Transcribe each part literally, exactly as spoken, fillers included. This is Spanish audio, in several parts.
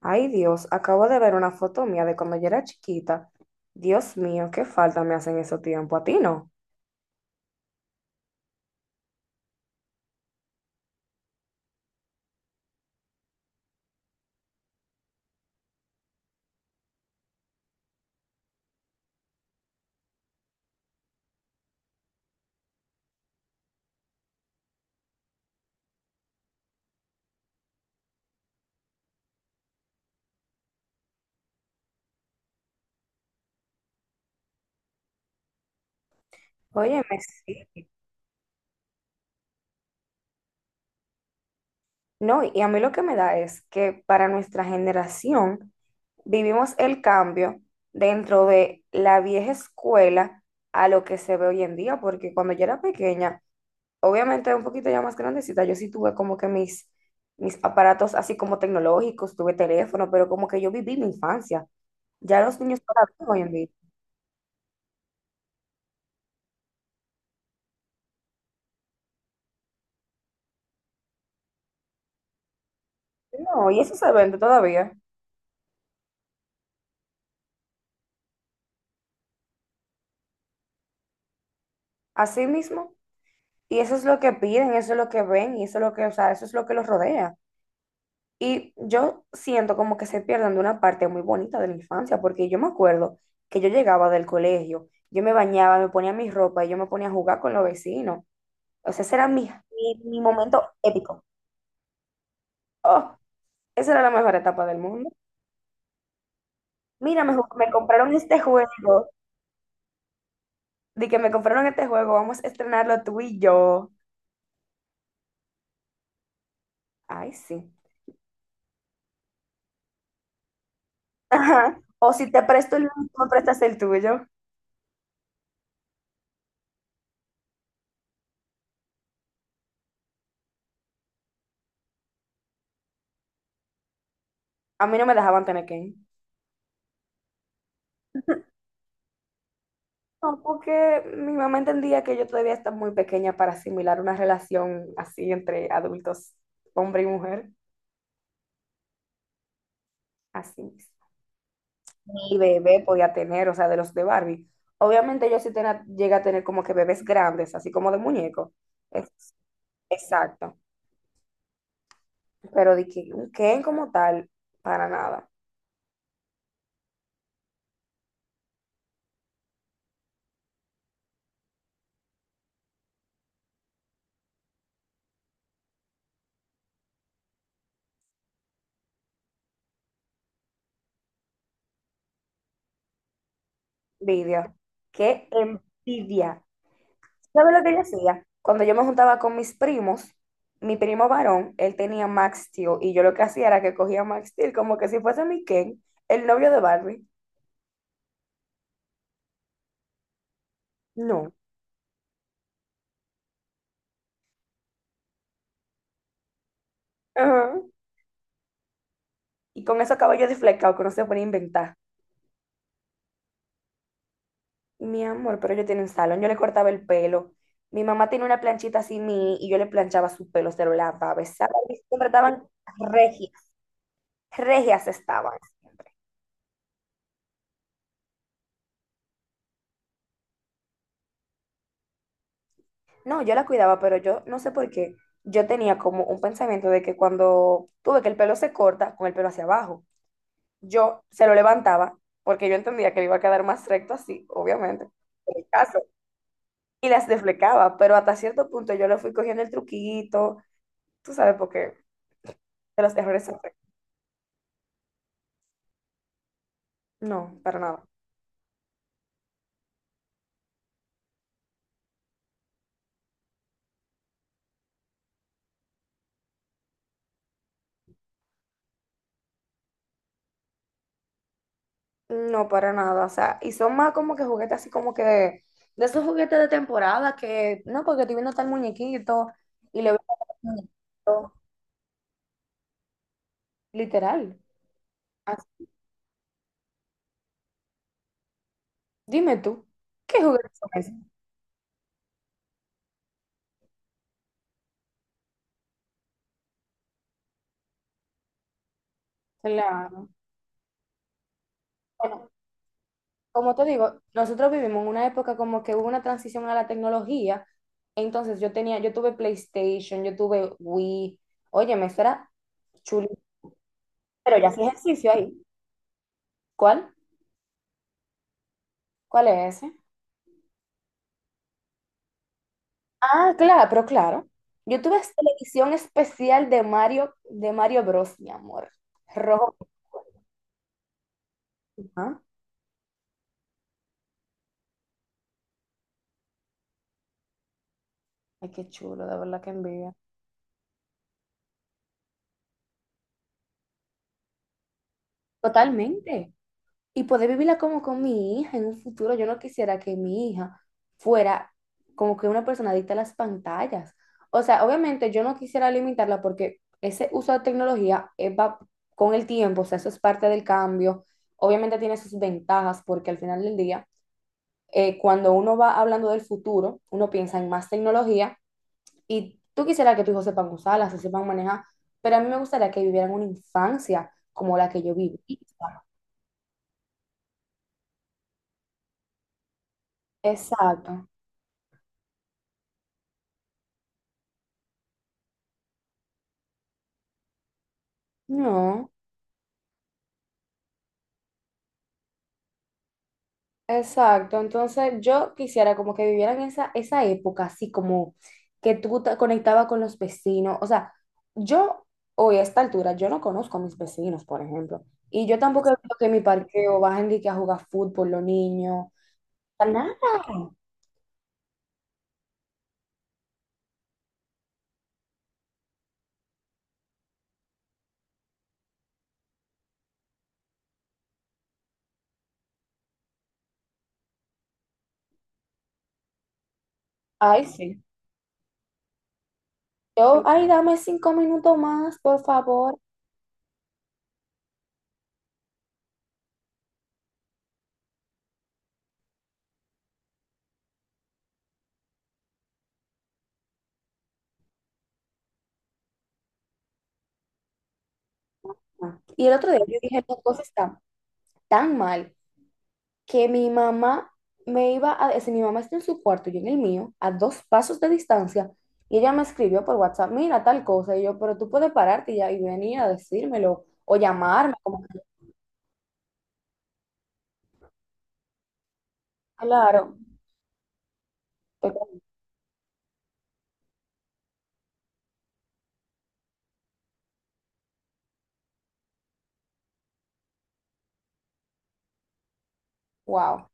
Ay, Dios, acabo de ver una foto mía de cuando yo era chiquita. Dios mío, qué falta me hacen esos tiempos. A ti no. Óyeme, sí. No, y a mí lo que me da es que para nuestra generación vivimos el cambio dentro de la vieja escuela a lo que se ve hoy en día, porque cuando yo era pequeña, obviamente un poquito ya más grandecita, yo sí tuve como que mis, mis aparatos así como tecnológicos, tuve teléfono, pero como que yo viví mi infancia. Ya los niños no la viven hoy en día. No, y eso se vende todavía, así mismo. Y eso es lo que piden, eso es lo que ven, y eso es lo que, o sea, eso es lo que los rodea. Y yo siento como que se pierden de una parte muy bonita de la infancia, porque yo me acuerdo que yo llegaba del colegio, yo me bañaba, me ponía mi ropa y yo me ponía a jugar con los vecinos. O sea, ese era mi, mi, mi momento épico. Oh, esa era la mejor etapa del mundo. Mira, me, ju- me compraron este juego, de que me compraron este juego, vamos a estrenarlo tú y yo. Ay, sí. Ajá. O si te presto el mío, tú me prestas el tuyo. A mí no me dejaban tener que ir. No, porque mi mamá entendía que yo todavía estaba muy pequeña para asimilar una relación así entre adultos, hombre y mujer, así mismo. Y bebé podía tener, o sea, de los de Barbie. Obviamente yo sí tenía, llegué a tener como que bebés grandes, así como de muñeco. Es- exacto. Pero de que un Ken como tal, para nada. Envidia. Qué envidia. ¿Sabes lo que yo hacía? Cuando yo me juntaba con mis primos, mi primo varón, él tenía Max Steel y yo lo que hacía era que cogía Max Steel como que si fuese mi Ken, el novio de Barbie. No. Ajá. Y con esos cabellos deflecados que no se pueden inventar. Mi amor, pero yo tenía un salón, yo le cortaba el pelo. Mi mamá tenía una planchita así mini y yo le planchaba su pelo, se lo lavaba, besaba. Y siempre estaban regias, regias estaban. No, yo la cuidaba, pero yo no sé por qué. Yo tenía como un pensamiento de que cuando tuve que el pelo se corta, con el pelo hacia abajo, yo se lo levantaba porque yo entendía que le iba a quedar más recto así, obviamente, en el caso. Y las deflecaba, pero hasta cierto punto yo le fui cogiendo el truquito, tú sabes, porque de los errores se aprende. No, para nada. No, para nada. O sea, y son más como que juguetes así como que de, de esos juguetes de temporada que, no, porque estoy viendo tal muñequito y le veo tal muñequito, literal. Ah, dime tú, ¿qué juguetes son esos? Claro. Bueno, como te digo, nosotros vivimos en una época como que hubo una transición a la tecnología. Entonces yo tenía, yo tuve PlayStation, yo tuve Wii. Oye, me era chulo. Pero ya hacía ejercicio ahí. ¿Cuál? ¿Cuál es ese? Ah, claro, pero claro. Yo tuve televisión especial de Mario, de Mario Bros, mi amor. Rojo. Ah, ay, qué chulo, de verdad que envidia. Totalmente. Y poder vivirla como con mi hija en un futuro. Yo no quisiera que mi hija fuera como que una persona adicta a las pantallas. O sea, obviamente yo no quisiera limitarla porque ese uso de tecnología eh, va con el tiempo, o sea, eso es parte del cambio. Obviamente tiene sus ventajas porque al final del día, eh, cuando uno va hablando del futuro, uno piensa en más tecnología y tú quisieras que tus hijos sepan usarla, se sepan manejar, pero a mí me gustaría que vivieran una infancia como la que yo viví. Exacto. No. Exacto, entonces yo quisiera como que vivieran esa, esa época, así como que tú te conectabas con los vecinos. O sea, yo hoy a esta altura, yo no conozco a mis vecinos, por ejemplo, y yo tampoco veo que en mi parqueo bajen de que a jugar fútbol los niños. O sea, nada. Ay, sí. Yo, ay, dame cinco minutos más, por favor. Y el otro día yo dije, no, cosa está tan mal que mi mamá me iba a decir, mi mamá está en su cuarto, yo en el mío, a dos pasos de distancia, y ella me escribió por WhatsApp, mira tal cosa, y yo, pero tú puedes pararte y, ya, y venir a decírmelo o llamarme, como que, claro, pero, wow,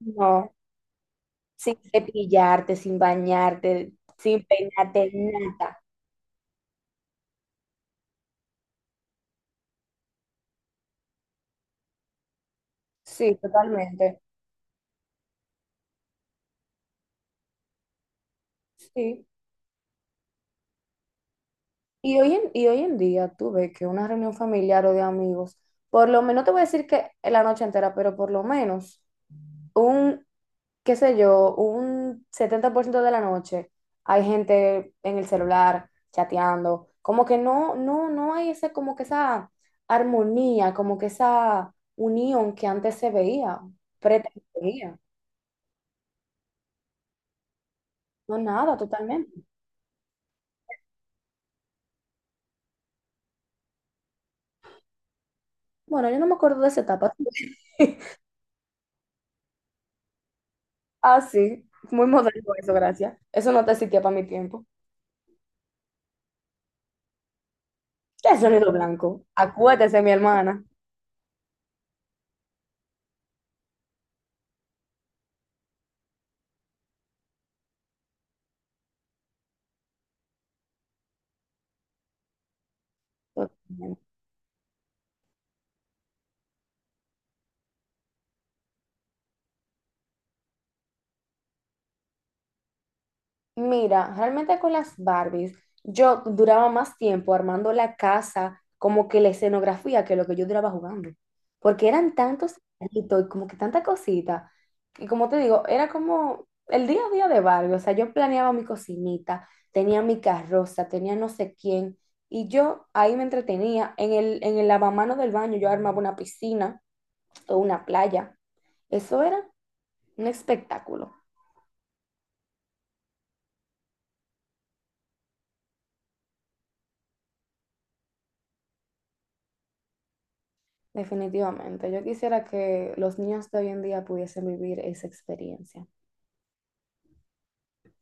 no, sin cepillarte, sin bañarte, sin peinarte, nada. Sí, totalmente. Sí. Y hoy en, y hoy en día tú ves que una reunión familiar o de amigos, por lo menos, no te voy a decir que la noche entera, pero por lo menos un, qué sé yo, un setenta por ciento de la noche hay gente en el celular chateando, como que no, no, no hay ese, como que esa armonía, como que esa unión que antes se veía, pretendía, no nada, totalmente. Bueno, yo no me acuerdo de esa etapa. Ah, sí, muy moderno eso, gracias. Eso no te existía para mi tiempo. ¿Qué sonido blanco? Acuérdese, mi hermana. Mira, realmente con las Barbies, yo duraba más tiempo armando la casa, como que la escenografía, que lo que yo duraba jugando. Porque eran tantos detallitos y como que tanta cosita. Y como te digo, era como el día a día de Barbie. O sea, yo planeaba mi cocinita, tenía mi carroza, tenía no sé quién. Y yo ahí me entretenía. En el, en el lavamanos del baño yo armaba una piscina o una playa. Eso era un espectáculo. Definitivamente, yo quisiera que los niños de hoy en día pudiesen vivir esa experiencia.